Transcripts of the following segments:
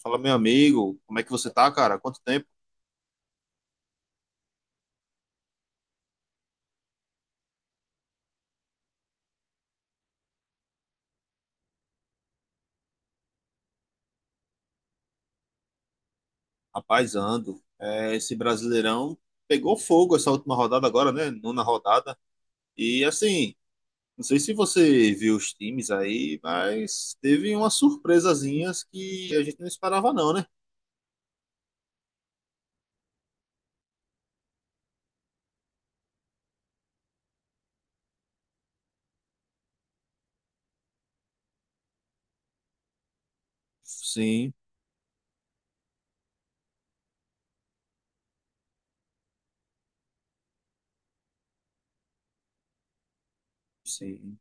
Fala, meu amigo, como é que você tá, cara? Quanto tempo? Rapaz, ando. É, esse Brasileirão pegou fogo essa última rodada agora, né? Nona rodada. E assim, não sei se você viu os times aí, mas teve umas surpresazinhas que a gente não esperava, não, né? Sim, sim.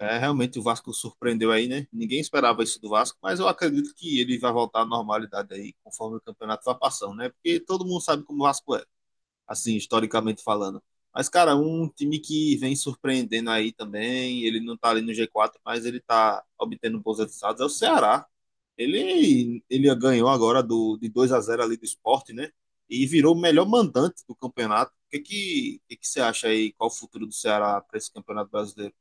É, realmente o Vasco surpreendeu aí, né? Ninguém esperava isso do Vasco, mas eu acredito que ele vai voltar à normalidade aí, conforme o campeonato vai passando, né? Porque todo mundo sabe como o Vasco é, assim, historicamente falando. Mas, cara, um time que vem surpreendendo aí também, ele não tá ali no G4 mas ele tá obtendo bons resultados, é o Ceará. Ele ganhou agora de 2-0 ali do Sport, né? E virou o melhor mandante do campeonato. O que que você acha aí? Qual o futuro do Ceará para esse campeonato brasileiro?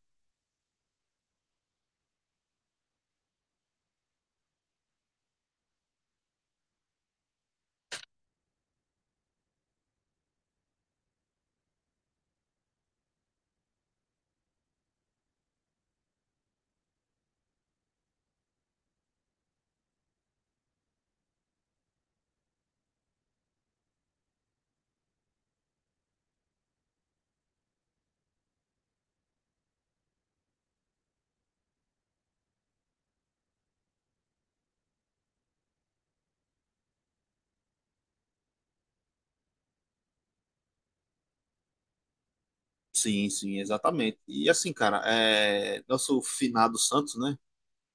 Sim, sim, exatamente. E assim, cara, é, nosso finado Santos, né?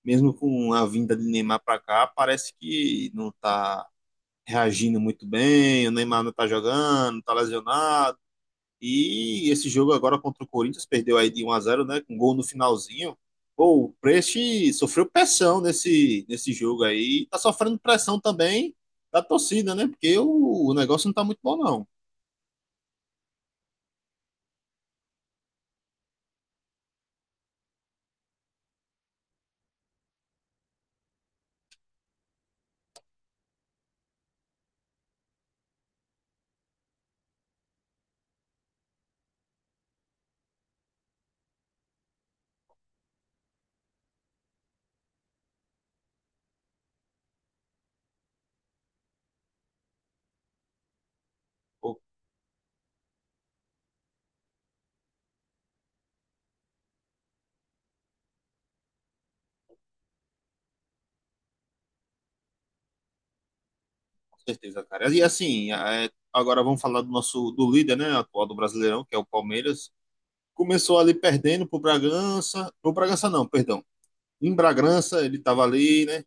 Mesmo com a vinda de Neymar para cá, parece que não tá reagindo muito bem, o Neymar não está jogando, está lesionado. E esse jogo agora contra o Corinthians perdeu aí de 1 a 0, né, com gol no finalzinho. Pô, o Preste sofreu pressão nesse jogo aí, tá sofrendo pressão também da torcida, né? Porque o negócio não tá muito bom não. Pô, com certeza, cara. E assim, é, agora vamos falar do nosso do líder, né, atual do Brasileirão, que é o Palmeiras. Começou ali perdendo pro Bragança não, perdão. Em Bragança ele tava ali, né.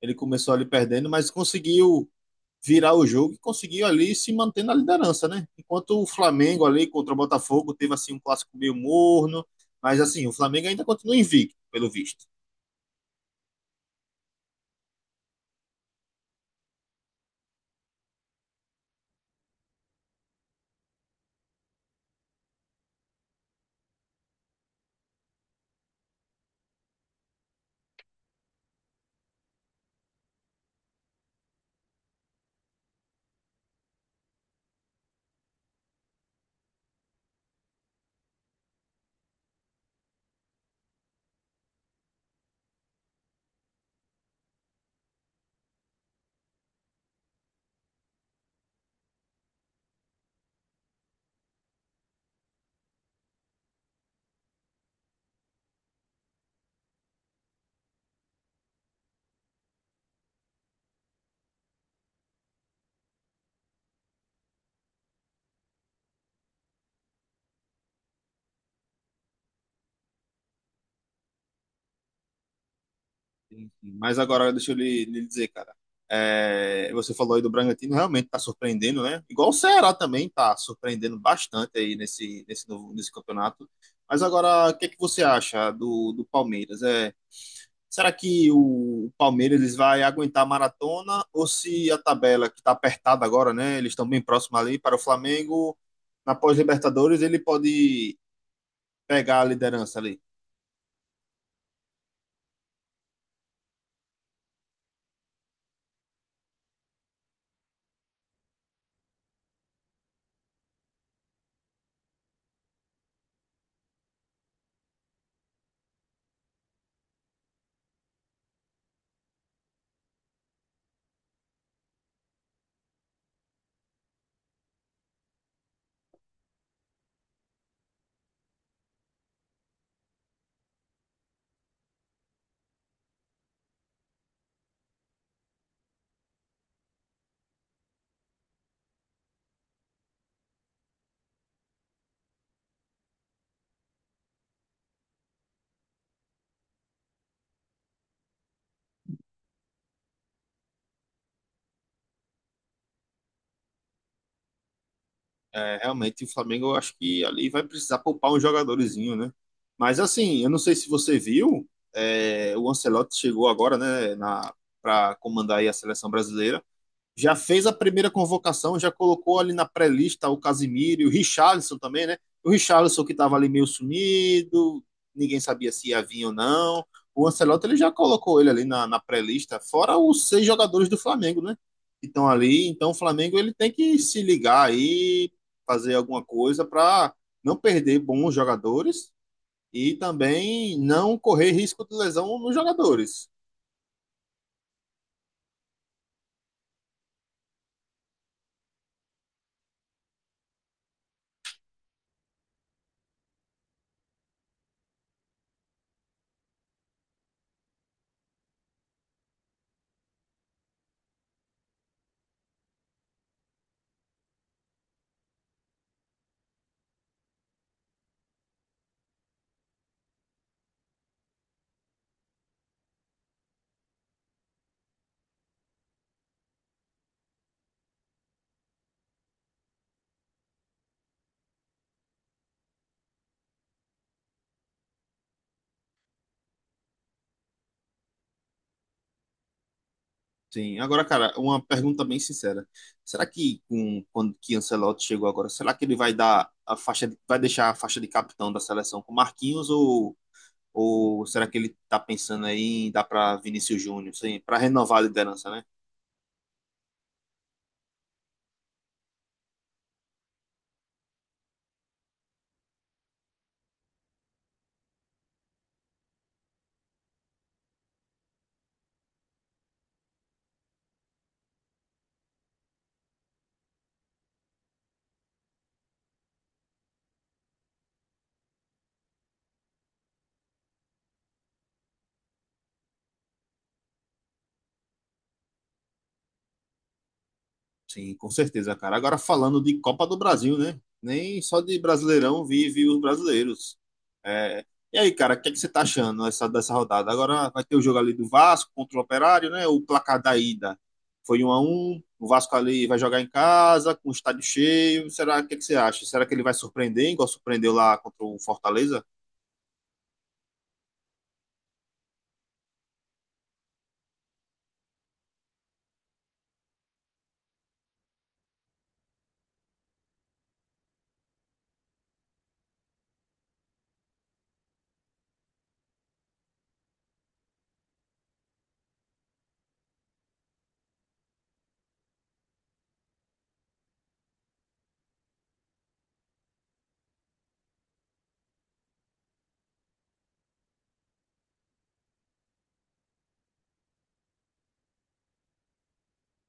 Ele começou ali perdendo, mas conseguiu virar o jogo e conseguiu ali se manter na liderança, né? Enquanto o Flamengo ali contra o Botafogo teve assim um clássico meio morno, mas assim, o Flamengo ainda continua invicto, pelo visto. Mas agora deixa eu lhe dizer, cara. É, você falou aí do Bragantino, realmente tá surpreendendo, né? Igual o Ceará também tá surpreendendo bastante aí nesse, nesse, novo, nesse campeonato. Mas agora, o que é que você acha do Palmeiras? É, será que o Palmeiras eles vai aguentar a maratona ou se a tabela que tá apertada agora, né? Eles estão bem próximos ali para o Flamengo, na pós-Libertadores, ele pode pegar a liderança ali? É, realmente o Flamengo, eu acho que ali vai precisar poupar um jogadorzinho, né? Mas assim, eu não sei se você viu, é, o Ancelotti chegou agora, né, para comandar aí a seleção brasileira, já fez a primeira convocação, já colocou ali na pré-lista o Casimiro e o Richarlison também, né? O Richarlison que estava ali meio sumido, ninguém sabia se ia vir ou não. O Ancelotti ele já colocou ele ali na pré-lista, fora os seis jogadores do Flamengo, né? Que estão ali. Então o Flamengo ele tem que se ligar aí, fazer alguma coisa para não perder bons jogadores e também não correr risco de lesão nos jogadores. Sim. Agora, cara, uma pergunta bem sincera. Será que quando que Ancelotti chegou agora, será que ele vai deixar a faixa de capitão da seleção com Marquinhos, ou será que ele tá pensando aí em dar para Vinícius Júnior, sim, para renovar a liderança, né? Sim, com certeza, cara. Agora falando de Copa do Brasil, né? Nem só de Brasileirão vive os brasileiros. É, e aí, cara, o que é que você tá achando dessa rodada? Agora vai ter o jogo ali do Vasco contra o Operário, né? O placar da ida foi 1-1. O Vasco ali vai jogar em casa, com o estádio cheio. Será, o que é que você acha? Será que ele vai surpreender, igual surpreendeu lá contra o Fortaleza?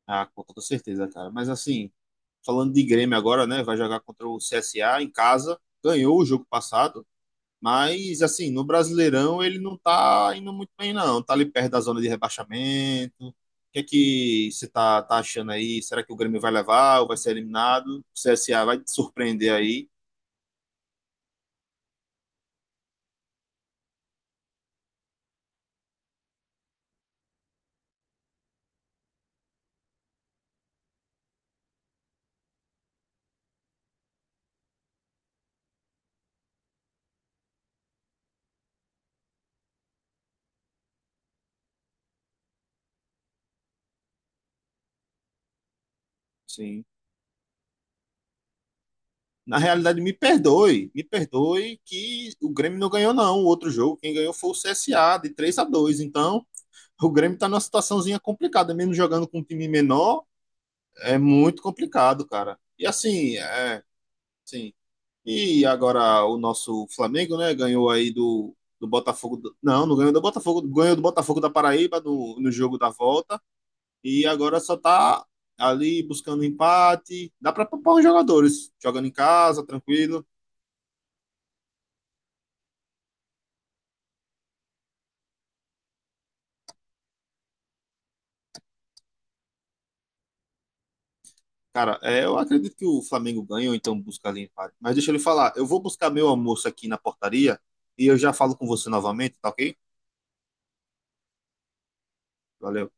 Ah, com toda certeza, cara. Mas assim, falando de Grêmio agora, né? Vai jogar contra o CSA em casa. Ganhou o jogo passado. Mas, assim, no Brasileirão ele não tá indo muito bem, não. Tá ali perto da zona de rebaixamento. O que é que você tá achando aí? Será que o Grêmio vai levar ou vai ser eliminado? O CSA vai te surpreender aí? Sim. Na realidade, me perdoe. Me perdoe que o Grêmio não ganhou, não, o outro jogo. Quem ganhou foi o CSA, de 3-2. Então, o Grêmio tá numa situaçãozinha complicada. Mesmo jogando com um time menor, é muito complicado, cara. E assim, é, sim. E agora o nosso Flamengo, né, ganhou aí do Botafogo. Não, não ganhou do Botafogo, ganhou do Botafogo da Paraíba no jogo da volta. E agora só tá ali buscando empate. Dá pra poupar os jogadores, jogando em casa, tranquilo. Cara, é, eu acredito que o Flamengo ganha ou então busca ali empate. Mas deixa eu lhe falar, eu vou buscar meu almoço aqui na portaria e eu já falo com você novamente, tá ok? Valeu.